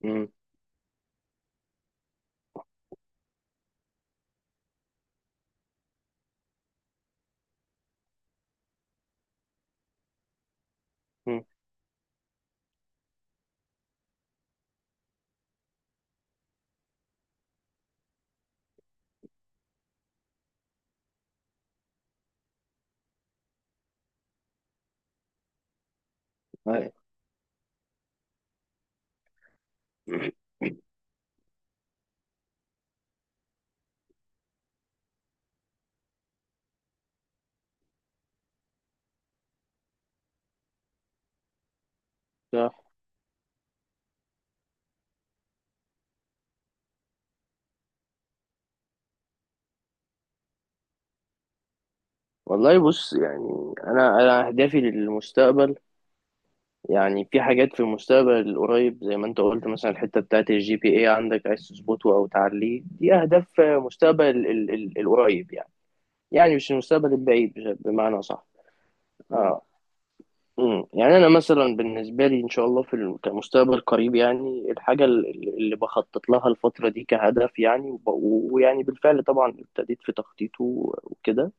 مم. مم. أي. صح. والله بص، يعني انا اهدافي للمستقبل، يعني في حاجات في المستقبل القريب، زي ما انت قلت، مثلا الحته بتاعت الجي بي اي عندك، عايز تظبطه او تعليه. دي اهداف مستقبل القريب يعني، يعني مش المستقبل البعيد، بمعنى صح؟ اه. مم. يعني انا مثلا بالنسبه لي ان شاء الله في كمستقبل قريب، يعني الحاجه اللي بخطط لها الفتره دي كهدف يعني، ويعني بالفعل طبعا ابتديت في تخطيطه وكده،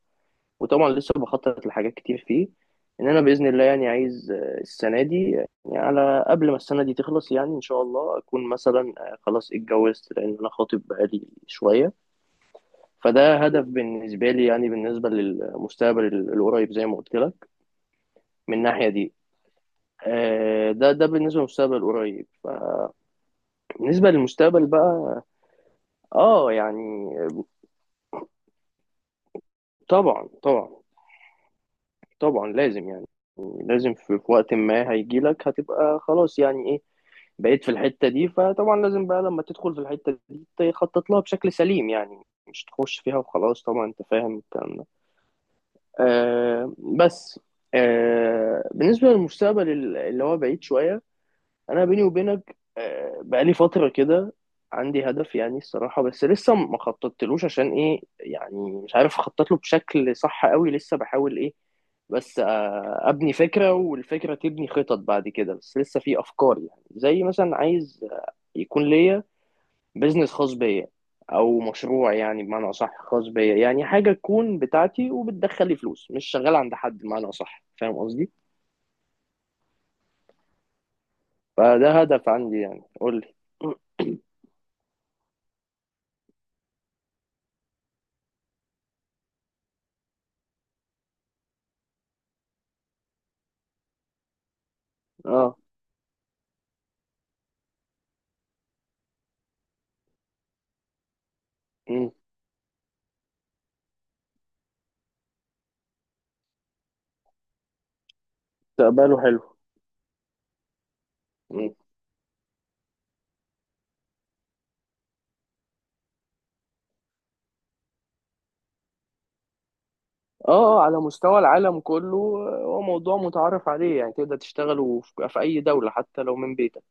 وطبعا لسه بخطط لحاجات كتير فيه، ان انا باذن الله يعني عايز السنه دي، يعني على قبل ما السنه دي تخلص، يعني ان شاء الله اكون مثلا خلاص اتجوزت، لان انا خاطب بقالي شويه. فده هدف بالنسبه لي، يعني بالنسبه للمستقبل القريب زي ما قلت لك، من الناحيه دي. ده بالنسبه للمستقبل القريب. بالنسبه للمستقبل بقى، اه يعني، طبعا طبعا. طبعا لازم يعني، لازم في وقت ما هيجيلك هتبقى خلاص، يعني إيه، بقيت في الحتة دي. فطبعا لازم بقى لما تدخل في الحتة دي تخطط لها بشكل سليم، يعني مش تخش فيها وخلاص. طبعا انت فاهم الكلام ده. بس، بالنسبة للمستقبل اللي هو بعيد شوية، انا بيني وبينك بقالي فتره كده عندي هدف يعني الصراحه، بس لسه ما خططتلوش عشان ايه، يعني مش عارف اخطط له بشكل صح قوي، لسه بحاول ايه، بس ابني فكره والفكره تبني خطط بعد كده. بس لسه في افكار يعني، زي مثلا عايز يكون ليا بيزنس خاص بيا، او مشروع يعني بمعنى اصح، خاص بيا، يعني حاجه تكون بتاعتي وبتدخل لي فلوس، مش شغال عند حد بمعنى اصح. فاهم قصدي؟ فده هدف عندي، يعني قول لي. اه. مستقبله حلو. مم. اه، على مستوى العالم كله. هو موضوع متعارف عليه، يعني تقدر تشتغله في أي دولة حتى لو من بيتك.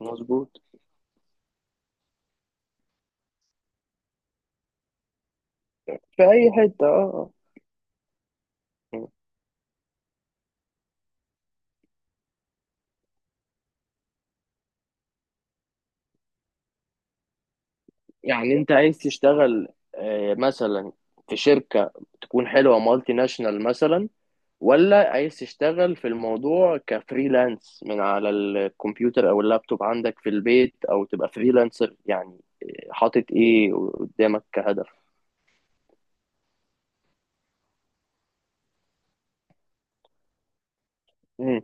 مظبوط. في أي حتة، اه آه. مم. يعني أنت عايز تشتغل مثلا في شركة تكون حلوة، مالتي ناشونال مثلا؟ ولا عايز تشتغل في الموضوع كفريلانس، من على الكمبيوتر أو اللابتوب عندك في البيت؟ أو تبقى فريلانسر؟ يعني حاطط إيه قدامك كهدف؟ مم.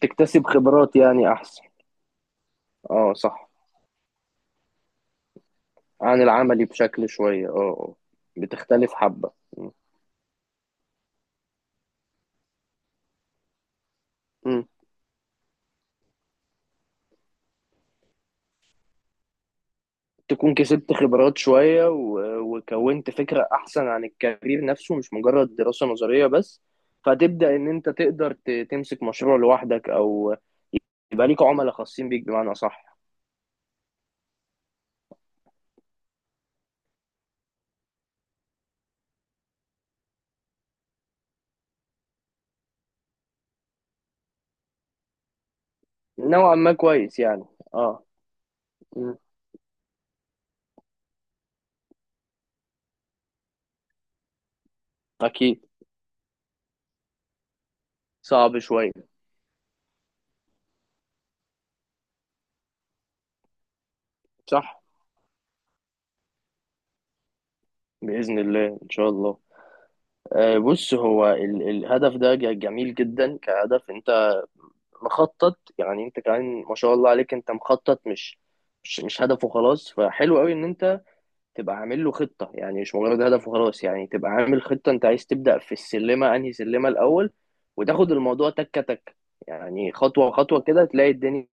تكتسب خبرات يعني أحسن. اه صح. عن العملي بشكل شوية، اه آه. بتختلف حبة. مم. مم. تكون كسبت خبرات شوية، وكونت فكرة أحسن عن الكارير نفسه، مش مجرد دراسة نظرية بس. فتبدأ إن أنت تقدر تمسك مشروع لوحدك، أو يبقى ليك عملاء خاصين بيك، بمعنى صح. نوعا ما كويس يعني. اه. مم. أكيد. صعب شوية. صح، بإذن الله إن شاء الله. بص هو الهدف ده جميل جدا كهدف. انت مخطط يعني، انت كمان ما شاء الله عليك، انت مخطط، مش هدف وخلاص، فحلو قوي ان انت تبقى عامل له خطة، يعني مش مجرد هدف وخلاص، يعني تبقى عامل خطة. انت عايز تبدأ في السلمة انهي سلمة الاول، وتاخد الموضوع تكة تكة، يعني خطوة خطوة كده تلاقي الدنيا،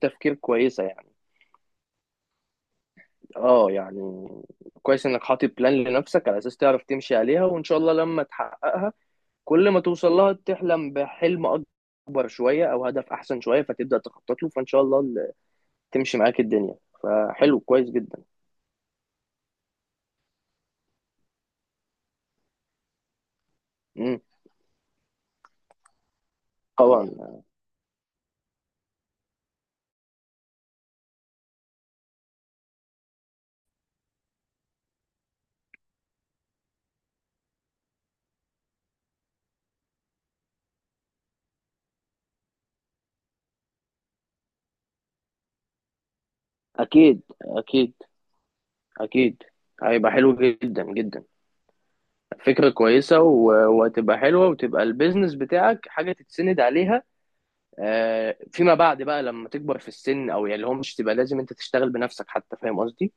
تفكير كويسة يعني. اه يعني، كويس انك حاطط بلان لنفسك، على اساس تعرف تمشي عليها، وان شاء الله لما تحققها، كل ما توصل لها تحلم بحلم اكبر شوية او هدف احسن شوية، فتبدأ تخطط له، فان شاء الله تمشي معاك الدنيا. فحلو، كويس جدا. امم طبعا. اكيد، اكيد، اكيد هيبقى حلو جدا جدا. فكرة كويسة، وهتبقى حلوة، وتبقى البيزنس بتاعك حاجة تتسند عليها فيما بعد بقى، لما تكبر في السن، او يعني اللي هو مش تبقى لازم انت تشتغل بنفسك حتى. فاهم قصدي؟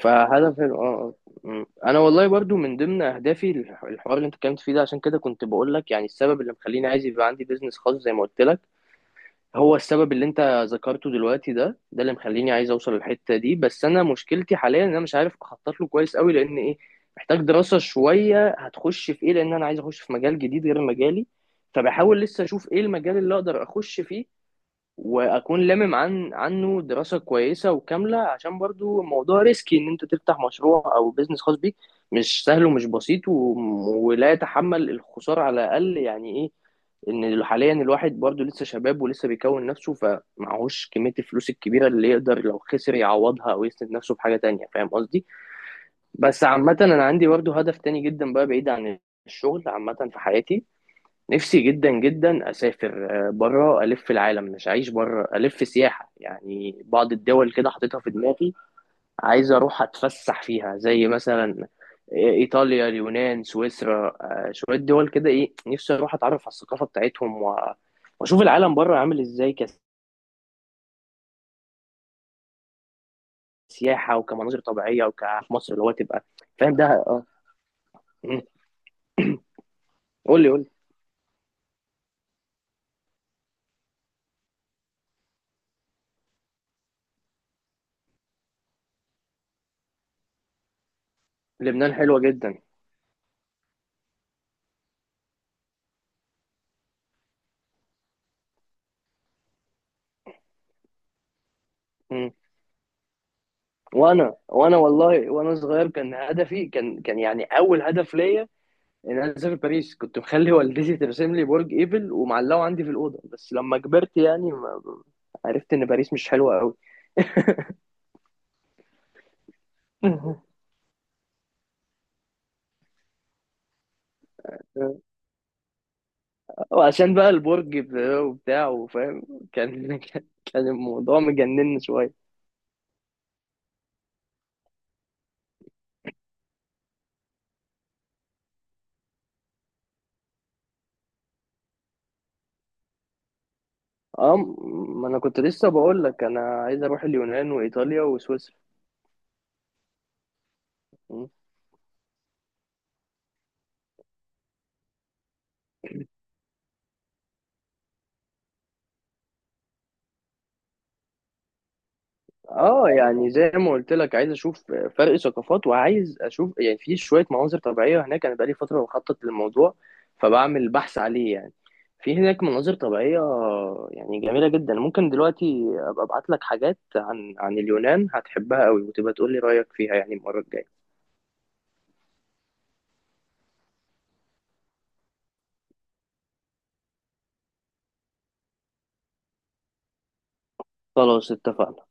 فهدف اه آه. مم. انا والله برضو من ضمن اهدافي الحوار اللي انت اتكلمت فيه ده، عشان كده كنت بقول لك، يعني السبب اللي مخليني عايز يبقى عندي بيزنس خاص زي ما قلت لك، هو السبب اللي انت ذكرته دلوقتي ده، ده اللي مخليني عايز اوصل للحته دي. بس انا مشكلتي حاليا ان انا مش عارف اخطط له كويس قوي، لان ايه، محتاج دراسه شويه هتخش في ايه، لان انا عايز اخش في مجال جديد غير مجالي. فبحاول لسه اشوف ايه المجال اللي اقدر اخش فيه، واكون لامم عنه دراسه كويسه وكامله، عشان برضو الموضوع ريسكي ان انت تفتح مشروع او بيزنس خاص بيك. مش سهل ومش بسيط ولا يتحمل الخساره على الاقل، يعني ايه، ان حاليا الواحد برضو لسه شباب ولسه بيكون نفسه، فمعهوش كميه الفلوس الكبيره اللي يقدر لو خسر يعوضها، او يسند نفسه بحاجه تانية. فاهم قصدي؟ بس عامه انا عندي برضو هدف تاني جدا بقى، بعيد عن الشغل، عامه في حياتي، نفسي جدا جدا اسافر بره، الف العالم مش عايش بره، الف سياحه يعني. بعض الدول كده حاططها في دماغي، عايز اروح اتفسح فيها، زي مثلا ايطاليا، اليونان، سويسرا، شويه دول كده. ايه، نفسي اروح اتعرف على الثقافه بتاعتهم، واشوف العالم بره عامل ازاي، كسياحه وكمناظر طبيعيه، وك في مصر اللي هو تبقى فاهم ده. اه. مم. قول لي قول لي. لبنان حلوه جدا. مم. وانا والله، وانا صغير كان هدفي، كان يعني اول هدف ليا، يعني انا سافر باريس. كنت مخلي والدتي ترسم لي برج ايفل ومعلقه عندي في الاوضه، بس لما كبرت يعني ما عرفت ان باريس مش حلوه قوي. وعشان بقى البرج وبتاع، وفاهم، كان كان الموضوع مجنن شويه. اه، ما انا كنت لسه بقول لك انا عايز اروح اليونان وايطاليا وسويسرا. اه يعني زي ما قلت لك، عايز اشوف فرق ثقافات، وعايز اشوف يعني في شويه مناظر طبيعيه هناك. انا بقالي فتره بخطط للموضوع، فبعمل بحث عليه يعني، في هناك مناظر طبيعيه يعني جميله جدا. ممكن دلوقتي ابقى ابعت لك حاجات عن اليونان، هتحبها قوي، وتبقى تقول لي رايك فيها يعني المره الجايه. خلاص، اتفقنا.